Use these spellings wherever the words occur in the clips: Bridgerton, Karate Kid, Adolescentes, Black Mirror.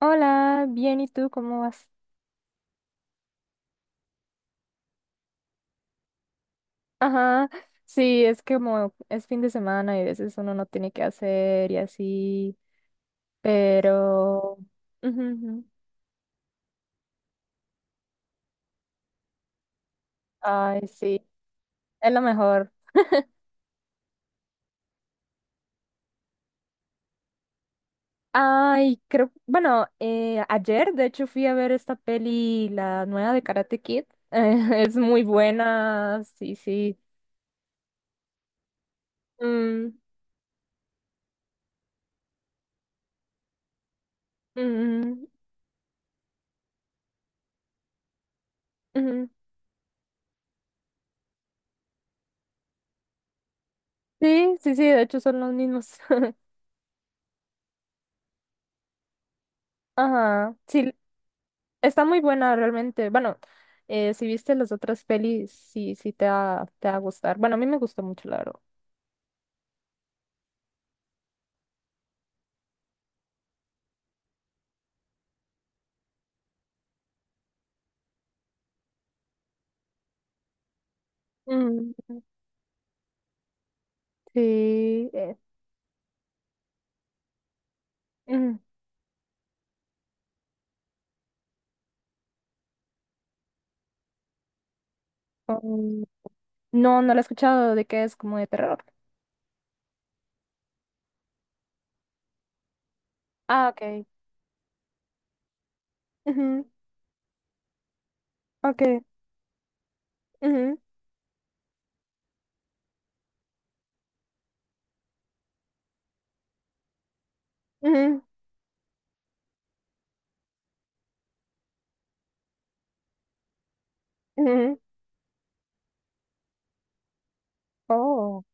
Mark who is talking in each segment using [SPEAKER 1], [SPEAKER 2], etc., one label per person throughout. [SPEAKER 1] Hola, bien, ¿y tú cómo vas? Ajá, sí, es que como es fin de semana y a veces uno no tiene que hacer y así, pero... Ujú, ujú. Ay, sí, es lo mejor. Ay, creo, bueno, ayer de hecho fui a ver esta peli, la nueva de Karate Kid. Es muy buena, sí, sí. Mm, mm, ujú. Sí, sí, sí, de hecho son los mismos. Ajá, sí, está muy buena realmente. Bueno, si viste las otras pelis, sí, sí te va a gustar. Bueno, a mí me gustó mucho, la verdad. Mm, sí. Mm, um, no, no la he escuchado de que es como de terror. Ah, ok. Ujú, ok. Ujú, ujú, ujú. Oh,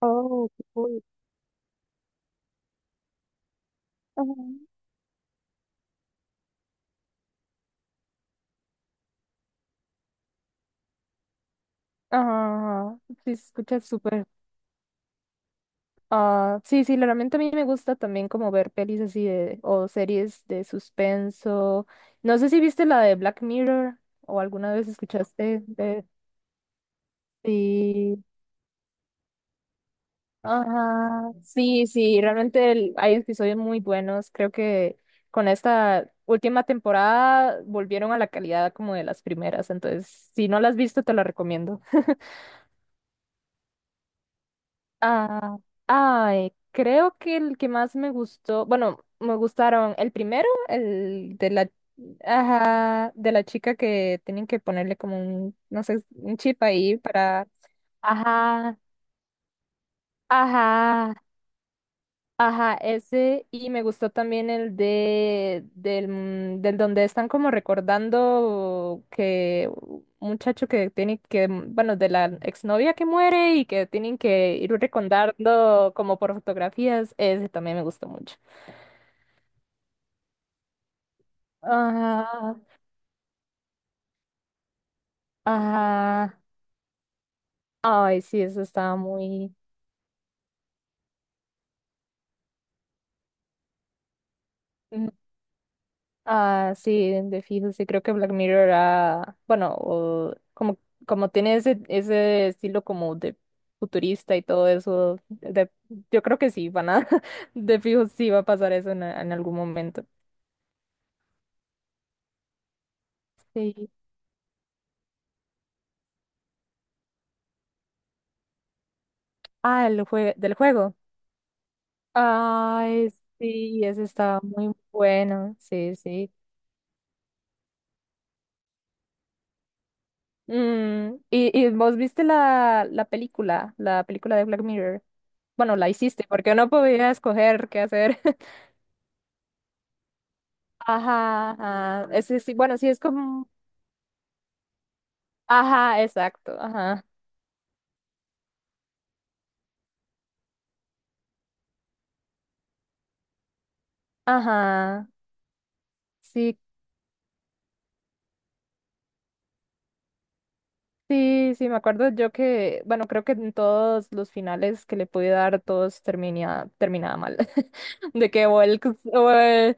[SPEAKER 1] oh, qué cool. Ajá, ajá, ajá. Sí, se escucha súper. Ah, sí, sí, realmente a mí me gusta también como ver pelis así de, o series de suspenso. No sé si viste la de Black Mirror o alguna vez escuchaste de... Sí, ajá, sí, sí, realmente hay episodios muy buenos. Creo que con esta última temporada volvieron a la calidad como de las primeras. Entonces, si no la has visto, te la recomiendo. Ah, ay, creo que el que más me gustó, bueno, me gustaron el primero, el de la, ajá, de la chica que tienen que ponerle como un, no sé, un chip ahí para, ajá, ajá, ajá, ese y me gustó también el del donde están como recordando que un muchacho que tiene que, bueno, de la exnovia que muere y que tienen que ir recordando como por fotografías, ese también me gustó mucho. Ajá, ajá. Ay, sí, eso estaba muy... Ah, sí, de fijo, sí, creo que Black Mirror, bueno, o como tiene ese estilo como de futurista y todo eso, de, yo creo que sí, van a, de fijo sí va a pasar eso en, algún momento. Sí. Ah, del juego. Ay, sí, ese estaba muy bueno, sí, sí. Mm, y vos viste la película de Black Mirror? Bueno, la hiciste, porque no podía escoger qué hacer. Ajá, ajá. Ese sí, bueno, sí es como. Ajá, exacto, ajá. Ajá. Sí, sí, sí, me acuerdo yo que, bueno, creo que en todos los finales que le pude dar, todos terminaba mal. De que o el-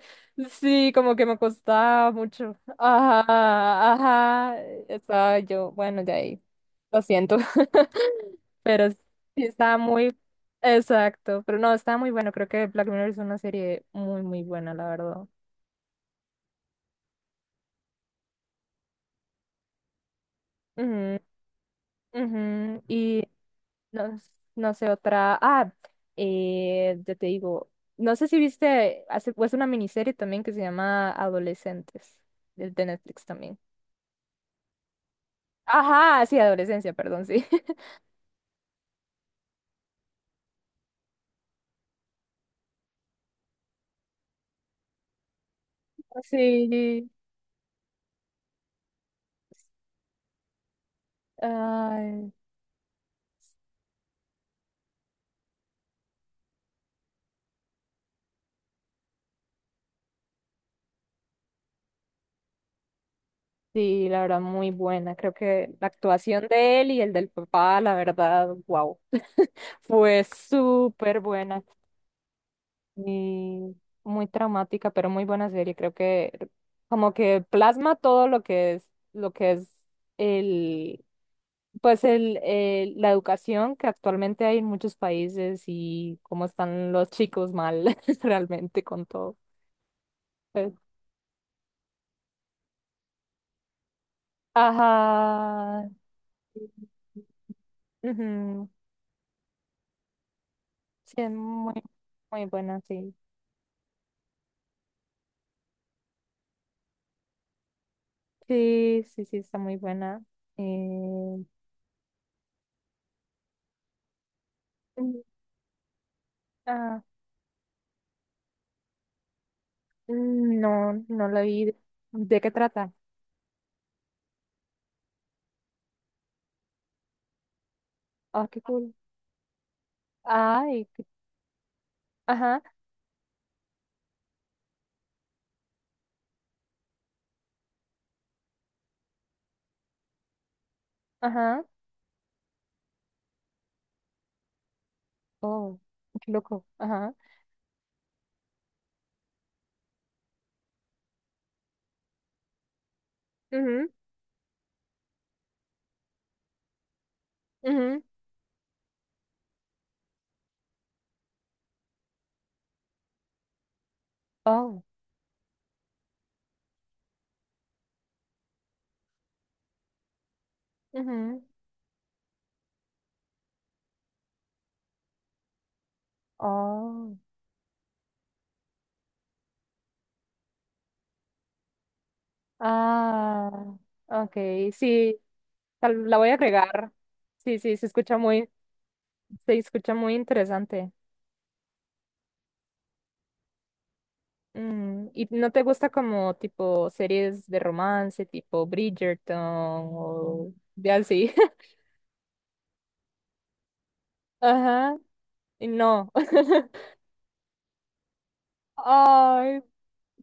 [SPEAKER 1] sí, como que me costaba mucho. Ajá, ajá. Estaba yo, bueno, de ahí. Lo siento. Pero sí estaba muy. Exacto, pero no, está muy bueno. Creo que Black Mirror es una serie muy, muy buena, la verdad. Ujú, ujú. Y no, no sé, otra. Ah, ya te digo, no sé si viste, hace, es una miniserie también que se llama Adolescentes, de Netflix también. Ajá, sí, adolescencia, perdón, sí. Sí, ay, sí, la verdad, muy buena. Creo que la actuación de él y el del papá, la verdad, wow, fue súper buena. Y muy traumática, pero muy buena serie. Creo que como que plasma todo lo que es el, pues la educación que actualmente hay en muchos países y cómo están los chicos mal realmente con todo. Pues, ajá. Ujú, sí, es muy, muy buena, sí. Sí, sí, sí, está muy buena. Eh, mm, ah, no, no la vi. ¿De qué trata? Ah, qué cool. Ay, ajá, ajá. Oh, qué loco. Ajá. Mhm, mhm. Oh, mhm. Oh. Ah, ok, sí. La voy a agregar. Sí, sí, se escucha muy interesante. Mm, ¿y no te gusta como tipo series de romance, tipo Bridgerton o de así? Ajá, y no. Ay,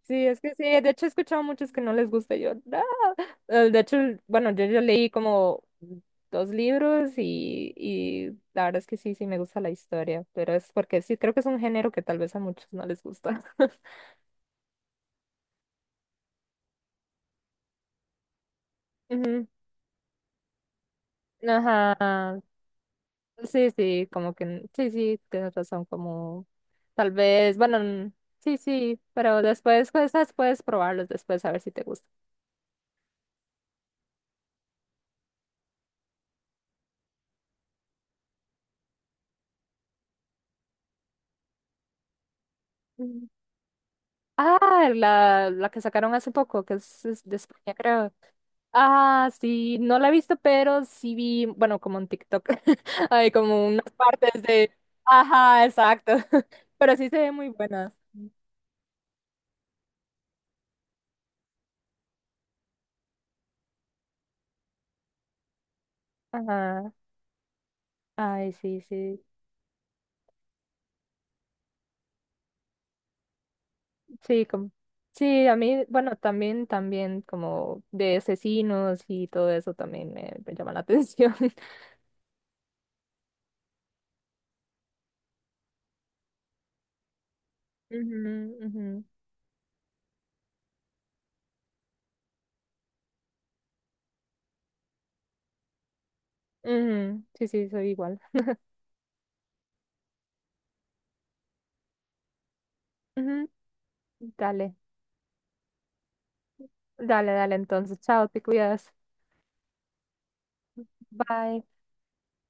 [SPEAKER 1] sí, es que sí, de hecho he escuchado muchos que no les gusta. Yo, "Ah". De hecho, bueno, yo leí como dos libros y la verdad es que sí, sí me gusta la historia, pero es porque sí, creo que es un género que tal vez a muchos no les gusta. Ujú, ajá, sí, sí, como que, sí, sí, tienes razón, como tal vez, bueno, sí, sí, pero después, pues, esas puedes probarlos después a ver si te gusta. Ujú. Ah, la que sacaron hace poco, que es de España, creo. Ah, sí, no la he visto, pero sí vi, bueno, como en TikTok, hay como unas partes de... Ajá, exacto. Pero sí se ven muy buenas. Ajá. Ay, sí, sí. Sí, como... Sí, a mí, bueno, también, también como de asesinos y todo eso también me llama la atención. Ujú, ujú, ujú. Sí, sí, soy igual. Ujú. Dale, dale, dale, entonces, chao, te cuidas. Bye.